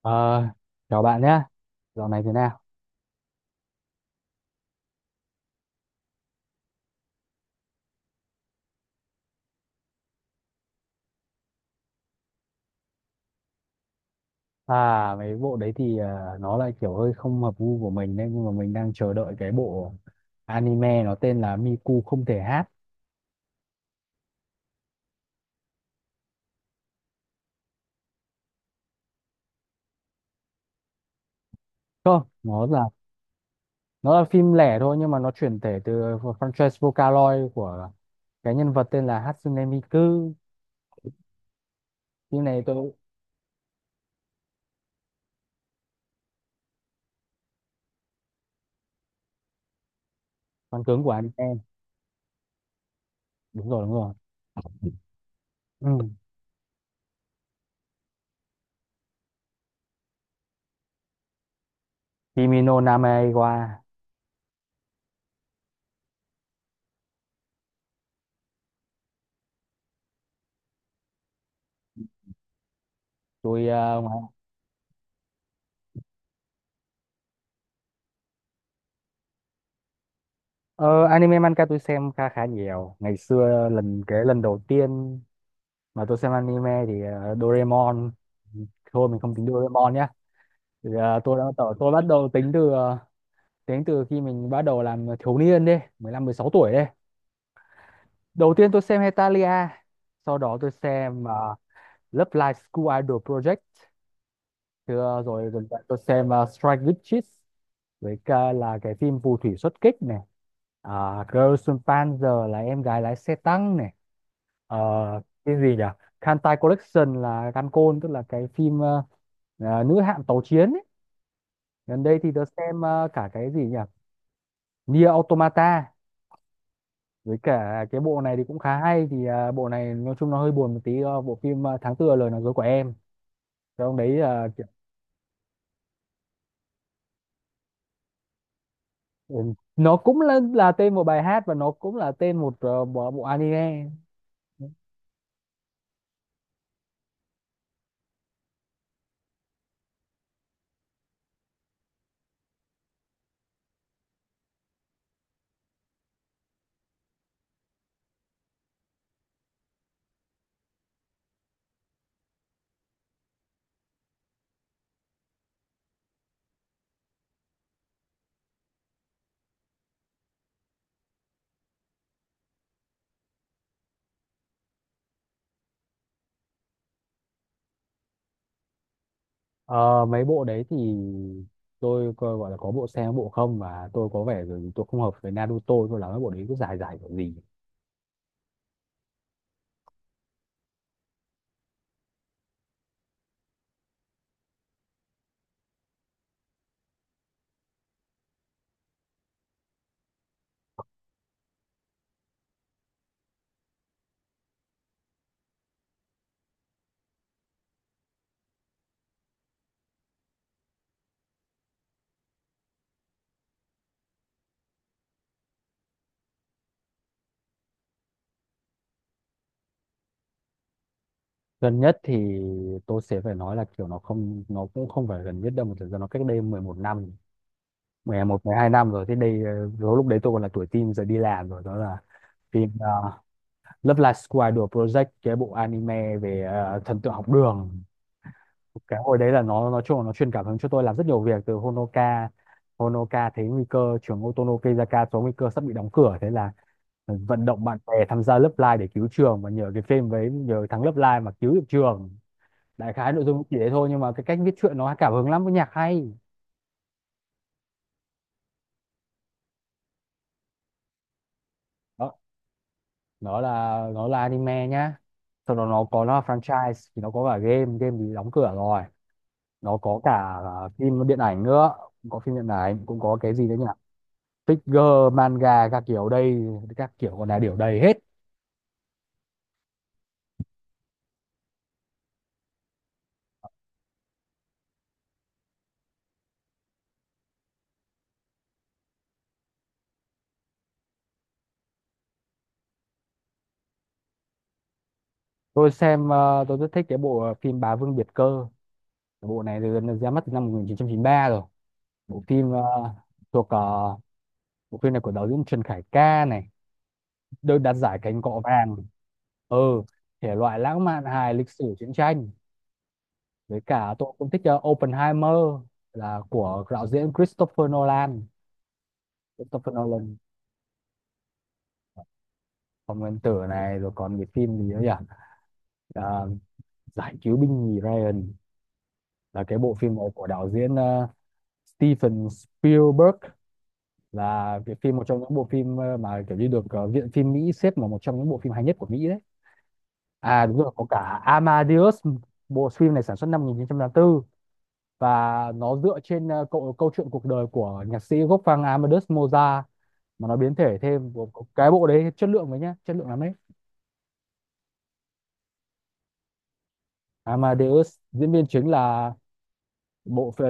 Ờ, Chào bạn nhé. Dạo này thế nào? À, mấy bộ đấy thì nó lại kiểu hơi không hợp gu của mình đấy, nhưng mà mình đang chờ đợi cái bộ anime nó tên là Miku không thể hát. Không, nó là phim lẻ thôi nhưng mà nó chuyển thể từ franchise Vocaloid của cái nhân vật tên là Hatsune Miku. Phim này tôi fan cứng của anime. Đúng rồi, đúng rồi. Ừ. Kimi no Name wa. Tôi ờ, anime manga tôi xem khá khá nhiều. Ngày xưa lần cái lần đầu tiên mà tôi xem anime thì Doraemon, thôi mình không tính Doraemon nhá, thì, tôi đã bắt đầu, tôi bắt đầu tính từ tính từ khi mình bắt đầu làm thiếu niên đi, 15 16 tuổi đi. Đầu tiên tôi xem Hetalia, sau đó tôi xem Love Live School Idol Project, thì, ờ, rồi gần đây tôi xem Strike Witches với cả là cái phim phù thủy xuất kích này, Girls with Panzer là em gái lái xe tăng này. Ờ, cái gì nhỉ, Kantai Collection là Gankon tức là cái phim nữ hạm tàu chiến ấy. Gần đây thì tớ xem cả cái gì nhỉ, Nier Automata, với cả cái bộ này thì cũng khá hay thì bộ này nói chung nó hơi buồn một tí, bộ phim Tháng tư là lời nói dối của em, trong đấy ừ, nó cũng là tên một bài hát và nó cũng là tên một bộ anime. Ờ, mấy bộ đấy thì tôi coi gọi là có bộ xem có bộ không, và tôi có vẻ rồi, tôi không hợp với Naruto tôi lắm, mấy bộ đấy cứ dài dài kiểu gì. Gần nhất thì tôi sẽ phải nói là kiểu nó không, nó cũng không phải gần nhất đâu, mà thực ra nó cách đây 11 năm, 11 12 năm rồi thế đây. Ờ, lúc lúc đấy tôi còn là tuổi teen, giờ đi làm rồi, đó là phim Love Live Square Idol Project, cái bộ anime về thần tượng học đường. Cái hồi đấy là nó nói chung là nó truyền cảm hứng cho tôi làm rất nhiều việc. Từ Honoka, Honoka thấy nguy cơ trường Otonokezaka có nguy cơ sắp bị đóng cửa, thế là vận động bạn bè tham gia Love Live để cứu trường, và nhờ cái phim, với nhờ thằng Love Live mà cứu được trường. Đại khái nội dung chỉ thế thôi, nhưng mà cái cách viết truyện nó cảm hứng lắm, với nhạc hay đó. Nó là anime nhá, sau đó nó có, nó là franchise thì nó có cả game, game thì đóng cửa rồi, nó có cả phim điện ảnh nữa, cũng có phim điện ảnh, cũng có cái gì đấy nhỉ, figure manga các kiểu đây, các kiểu còn là điều đầy hết. Tôi xem tôi rất thích cái bộ phim Bá Vương Biệt Cơ. Cái bộ này từ ra mắt từ năm 1993 rồi, bộ phim thuộc ờ, bộ phim này của đạo diễn Trần Khải Ca này, được đạt giải cánh cọ vàng. Ừ, thể loại lãng mạn hài lịch sử chiến tranh. Với cả tôi cũng thích Oppenheimer, là của đạo diễn Christopher Nolan. Phòng nguyên tử này, rồi còn cái phim gì nữa nhỉ. À, giải cứu binh nhì Ryan, là cái bộ phim này của đạo diễn Steven Spielberg, là cái phim, một trong những bộ phim mà kiểu như được viện phim Mỹ xếp vào một trong những bộ phim hay nhất của Mỹ đấy. À đúng rồi, có cả Amadeus, bộ phim này sản xuất năm 1984, và nó dựa trên câu chuyện cuộc đời của nhạc sĩ Wolfgang Amadeus Mozart, mà nó biến thể thêm. Cái bộ đấy chất lượng đấy nhá, chất lượng lắm đấy. Amadeus, diễn viên chính là bộ phim.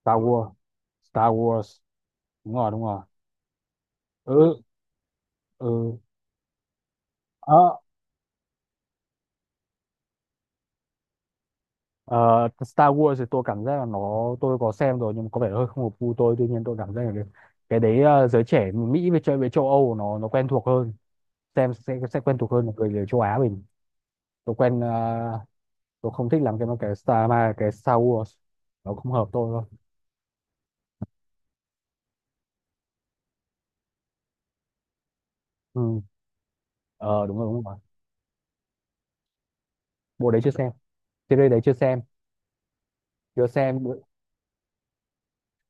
Star Wars, Star Wars, đúng rồi, đúng rồi. Ừ. Ừ. Ờ, ờ, Star Wars thì tôi cảm giác là nó, tôi có xem rồi nhưng mà có vẻ hơi không hợp gu tôi. Tuy nhiên tôi cảm giác là cái đấy giới trẻ Mỹ với chơi với châu Âu nó quen thuộc hơn, xem sẽ quen thuộc hơn là người, người châu Á mình. Tôi quen tôi không thích làm cái mà cái Star Wars, nó không hợp tôi thôi. Ừ. Ờ đúng rồi, đúng rồi, bộ đấy chưa xem, series đấy chưa xem, chưa xem.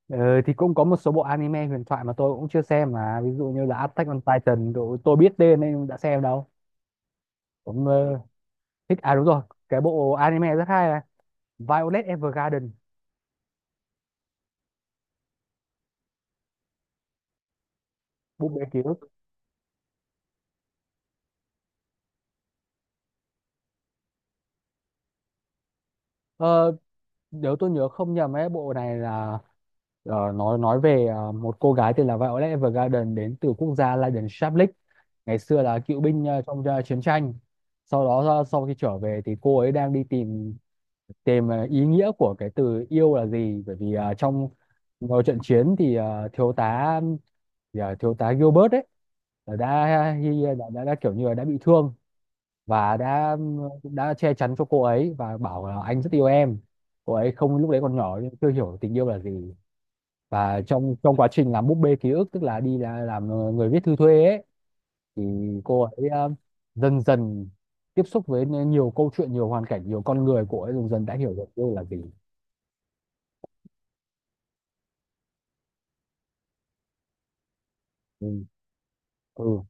Ờ, thì cũng có một số bộ anime huyền thoại mà tôi cũng chưa xem mà, ví dụ như là Attack on Titan, tôi biết tên nên đã xem đâu, cũng thích. À đúng rồi, cái bộ anime rất hay là Violet Evergarden, bộ bé ký ức. ờ, Nếu tôi nhớ không nhầm ấy, bộ này là, ờ, nói về một cô gái tên là Violet Evergarden đến từ quốc gia Lydon Shablik, ngày xưa là cựu binh trong chiến tranh. Sau đó sau khi trở về thì cô ấy đang đi tìm, tìm ý nghĩa của cái từ yêu là gì, bởi vì trong một trận chiến thì thiếu tá Gilbert ấy là đã, đã kiểu như là đã bị thương, và đã che chắn cho cô ấy và bảo là anh rất yêu em. Cô ấy không, lúc đấy còn nhỏ nhưng chưa hiểu tình yêu là gì. Và trong trong quá trình làm búp bê ký ức, tức là làm người viết thư thuê ấy, thì cô ấy dần dần tiếp xúc với nhiều câu chuyện, nhiều hoàn cảnh, nhiều con người, cô ấy dần dần đã hiểu được yêu là gì. Ừ, ừ.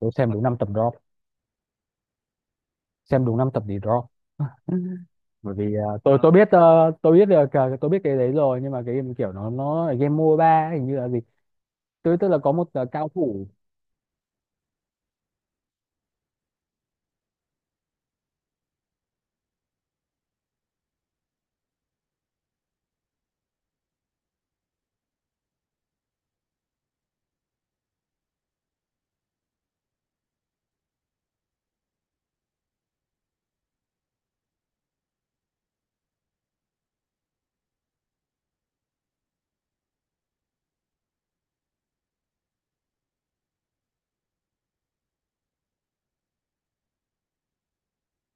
Tôi xem đúng năm tập drop, xem đúng năm tập thì drop. Bởi vì tôi biết, tôi biết được, tôi biết cái đấy rồi, nhưng mà cái game kiểu nó là game MOBA ấy, hình như là gì. Tôi tức là có một cao thủ.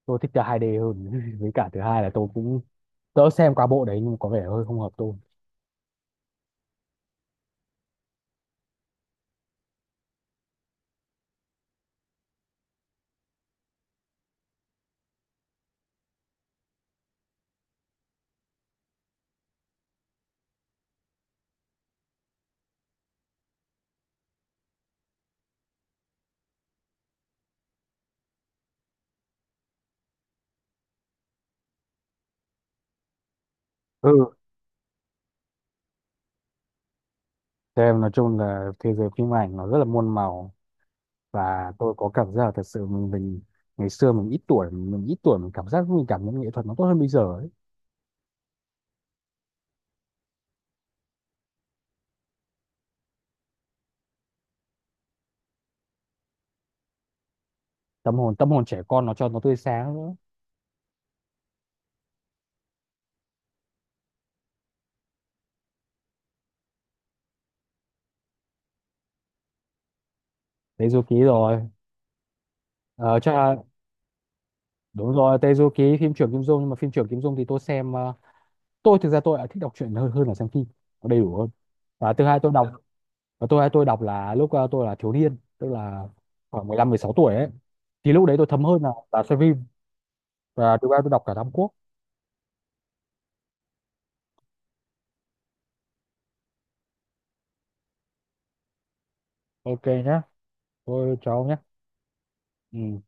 Tôi thích chơi hai d hơn với cả thứ hai là tôi cũng đỡ xem qua bộ đấy, nhưng có vẻ hơi không hợp tôi. Ừ. Cho em, nói chung là thế giới phim ảnh nó rất là muôn màu, và tôi có cảm giác là thật sự mình ngày xưa mình ít tuổi, mình cảm giác, mình cảm nhận nghệ thuật nó tốt hơn bây giờ ấy. Tâm hồn trẻ con nó cho nó tươi sáng nữa. Tezuki rồi. Ờ, cho, đúng rồi, Tezuki phim trưởng Kim Dung, nhưng mà phim trưởng Kim Dung thì tôi xem tôi thực ra tôi lại thích đọc truyện hơn, là xem phim, nó đầy đủ hơn. Và thứ hai tôi đọc, và tôi đọc là lúc tôi là thiếu niên, tức là khoảng 15 16 tuổi ấy, thì lúc đấy tôi thấm hơn là xem phim. Và thứ ba tôi đọc cả Tam Quốc. Ok nhá. Thôi chào ông nhé. Ừ.